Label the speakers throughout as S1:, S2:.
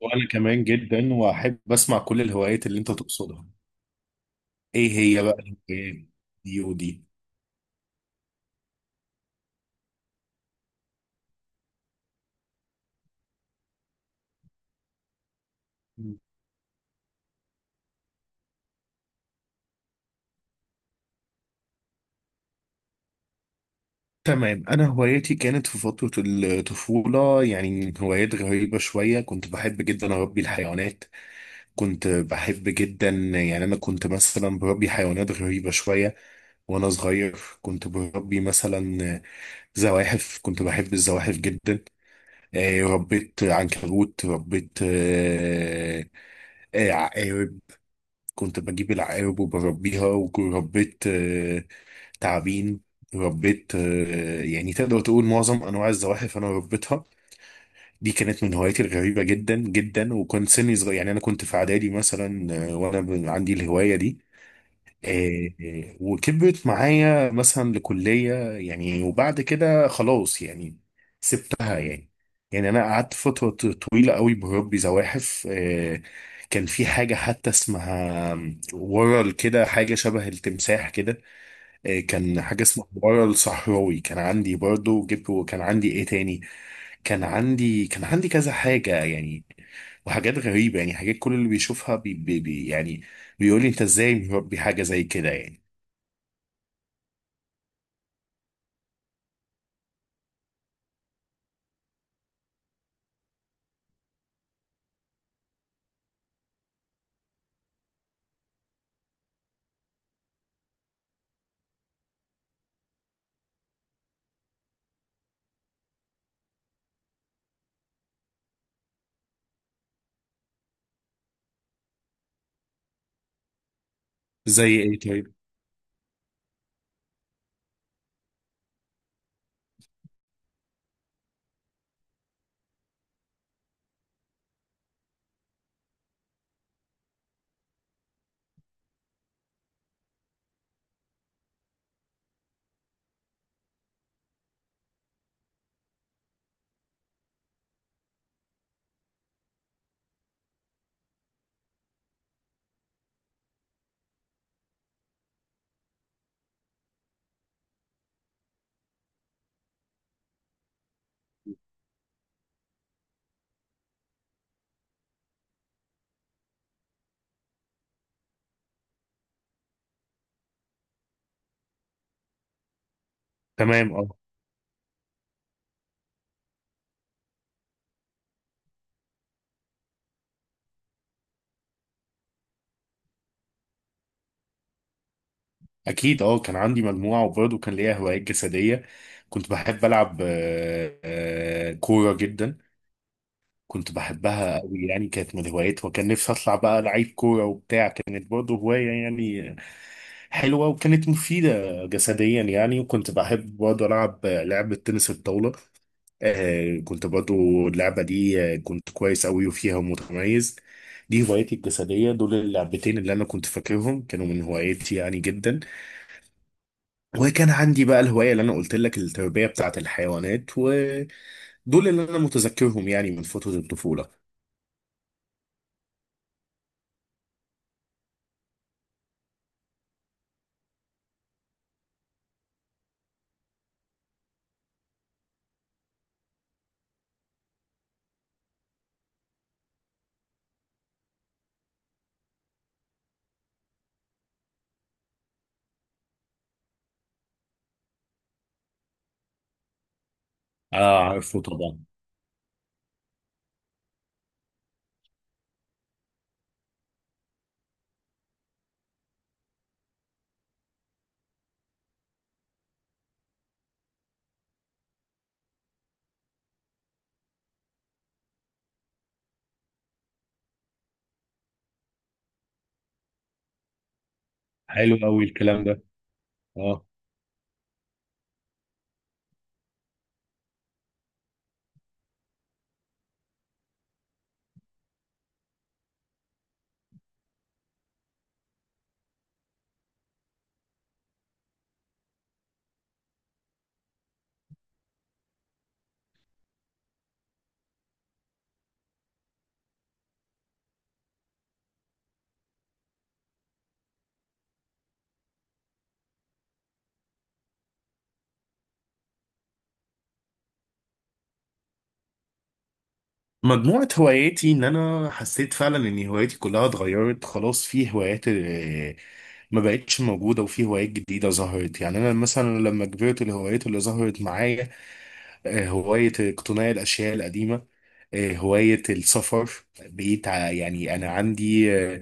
S1: وانا كمان جدا، واحب اسمع كل الهوايات اللي انت تقصدها. ايه هي بقى الهوايات دي ودي؟ تمام. انا هواياتي كانت في فترة الطفولة، يعني هوايات غريبة شوية. كنت بحب جدا اربي الحيوانات. كنت بحب جدا، يعني انا كنت مثلا بربي حيوانات غريبة شوية. وانا صغير كنت بربي مثلا زواحف. كنت بحب الزواحف جدا. ربيت عنكبوت. ربيت آه، كنت بجيب العقارب وبربيها. وربيت تعابين. ربيت يعني تقدر تقول معظم انواع الزواحف انا ربيتها. دي كانت من هواياتي الغريبة جدا جدا، وكنت سني صغير. يعني انا كنت في اعدادي مثلا، وانا عندي الهواية دي. إيه إيه، وكبرت معايا مثلا لكلية يعني. وبعد كده خلاص يعني سبتها يعني. يعني أنا قعدت فترة طويلة قوي بربي زواحف. إيه، كان في حاجة حتى اسمها ورل، كده حاجة شبه التمساح كده. إيه، كان حاجة اسمها ورل صحراوي كان عندي برضه، جبت. وكان عندي ايه تاني؟ كان عندي كذا حاجة يعني. وحاجات غريبة يعني، حاجات كل اللي بيشوفها بي بي بي يعني بيقول لي، انت ازاي مربي حاجة زي كده يعني؟ زي ايه طيب؟ تمام. اه. اكيد، اه، كان عندي مجموعه، وبرضه كان ليا هوايات جسديه. كنت بحب العب كوره جدا. كنت بحبها قوي يعني، كانت من هواياتي. وكان نفسي اطلع بقى لعيب كوره وبتاع. كانت برضه هوايه يعني، حلوه وكانت مفيده جسديا يعني. وكنت بحب برضه العب لعبه تنس الطاوله. آه، كنت برضه اللعبه دي، كنت كويس قوي وفيها متميز. دي هوايتي الجسديه. دول اللعبتين اللي انا كنت فاكرهم، كانوا من هوايتي يعني جدا. وكان عندي بقى الهوايه اللي انا قلت لك، التربيه بتاعه الحيوانات، ودول اللي انا متذكرهم يعني من فتره الطفوله. اه، عارفه طبعا. حلو قوي الكلام ده. اه. مجموعة هواياتي، ان انا حسيت فعلا ان هواياتي كلها اتغيرت خلاص. في هوايات ما بقتش موجودة، وفي هوايات جديدة ظهرت. يعني انا مثلا لما كبرت، الهوايات اللي ظهرت معايا هواية اقتناء الاشياء القديمة، هواية السفر. بقيت يعني انا عندي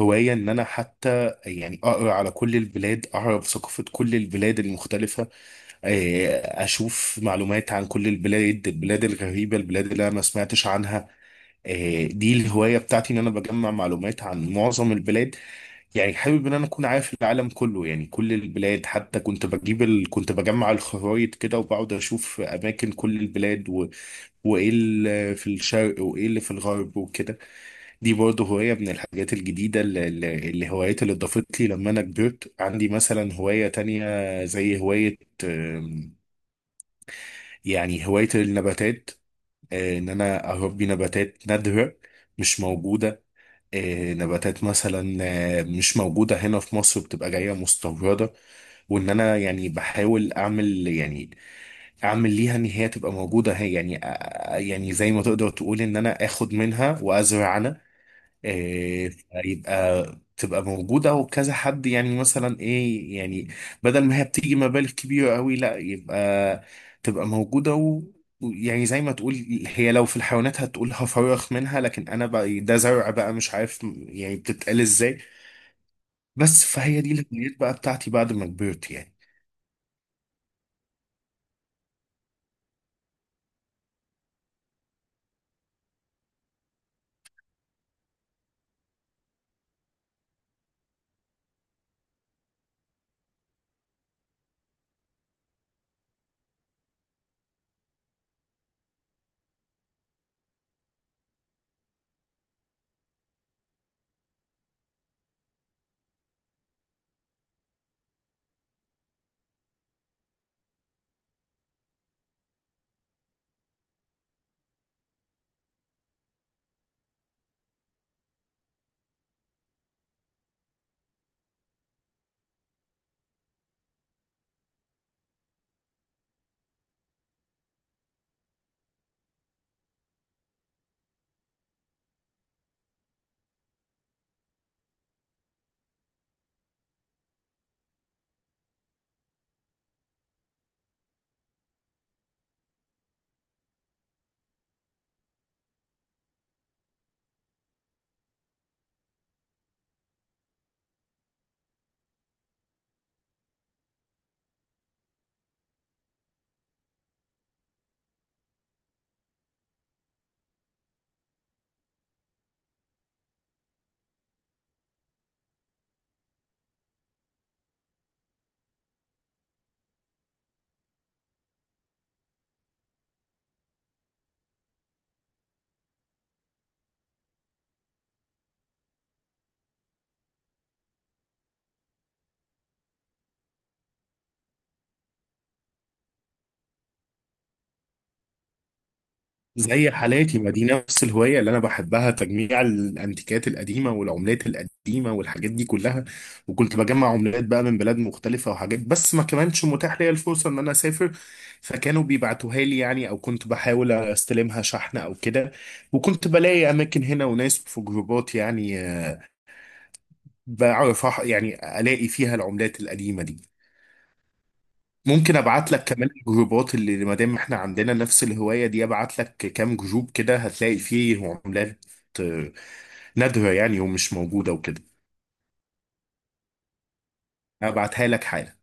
S1: هواية ان انا حتى يعني اقرا على كل البلاد، اعرف ثقافة كل البلاد المختلفة. اشوف معلومات عن كل البلاد الغريبه، البلاد اللي انا ما سمعتش عنها. دي الهوايه بتاعتي، ان انا بجمع معلومات عن معظم البلاد. يعني حابب ان انا اكون عارف العالم كله، يعني كل البلاد. حتى كنت بجيب ال... كنت بجمع الخرايط كده وبقعد اشوف اماكن كل البلاد و... وايه اللي في الشرق وايه اللي في الغرب وكده. دي برضه هوايه من الحاجات الجديده، الهوايات اللي اضافت لي لما انا كبرت. عندي مثلا هوايه تانية، زي هوايه، يعني هواية النباتات. ان انا اربي نباتات نادرة، مش موجودة. نباتات مثلا مش موجودة هنا في مصر، بتبقى جاية مستوردة. وان انا يعني بحاول اعمل، يعني اعمل ليها ان هي تبقى موجودة هي، يعني يعني زي ما تقدر تقول ان انا اخد منها وازرع انا. إيه، فيبقى تبقى موجودة. وكذا حد يعني، مثلا ايه يعني، بدل ما هي بتيجي مبالغ كبيرة قوي، لا، يبقى تبقى موجودة. و يعني زي ما تقول، هي لو في الحيوانات هتقول هفرخ منها، لكن انا بقى، إيه، ده زرع بقى، مش عارف يعني بتتقال ازاي. بس فهي دي الهوايات بقى بتاعتي بعد ما كبرت يعني. زي حالاتي ما دي، نفس الهواية اللي أنا بحبها، تجميع الأنتيكات القديمة والعملات القديمة والحاجات دي كلها. وكنت بجمع عملات بقى من بلاد مختلفة وحاجات، بس ما كانش متاح ليا الفرصة إن أنا أسافر. فكانوا بيبعتوها لي يعني، أو كنت بحاول أستلمها شحن أو كده. وكنت بلاقي أماكن هنا وناس في جروبات يعني، بعرف يعني ألاقي فيها العملات القديمة دي. ممكن ابعت لك كمان الجروبات، اللي ما دام احنا عندنا نفس الهوايه دي، ابعت لك كام جروب كده هتلاقي فيه عملات آه، نادره، يعني ومش موجوده وكده. ابعتها لك حالا.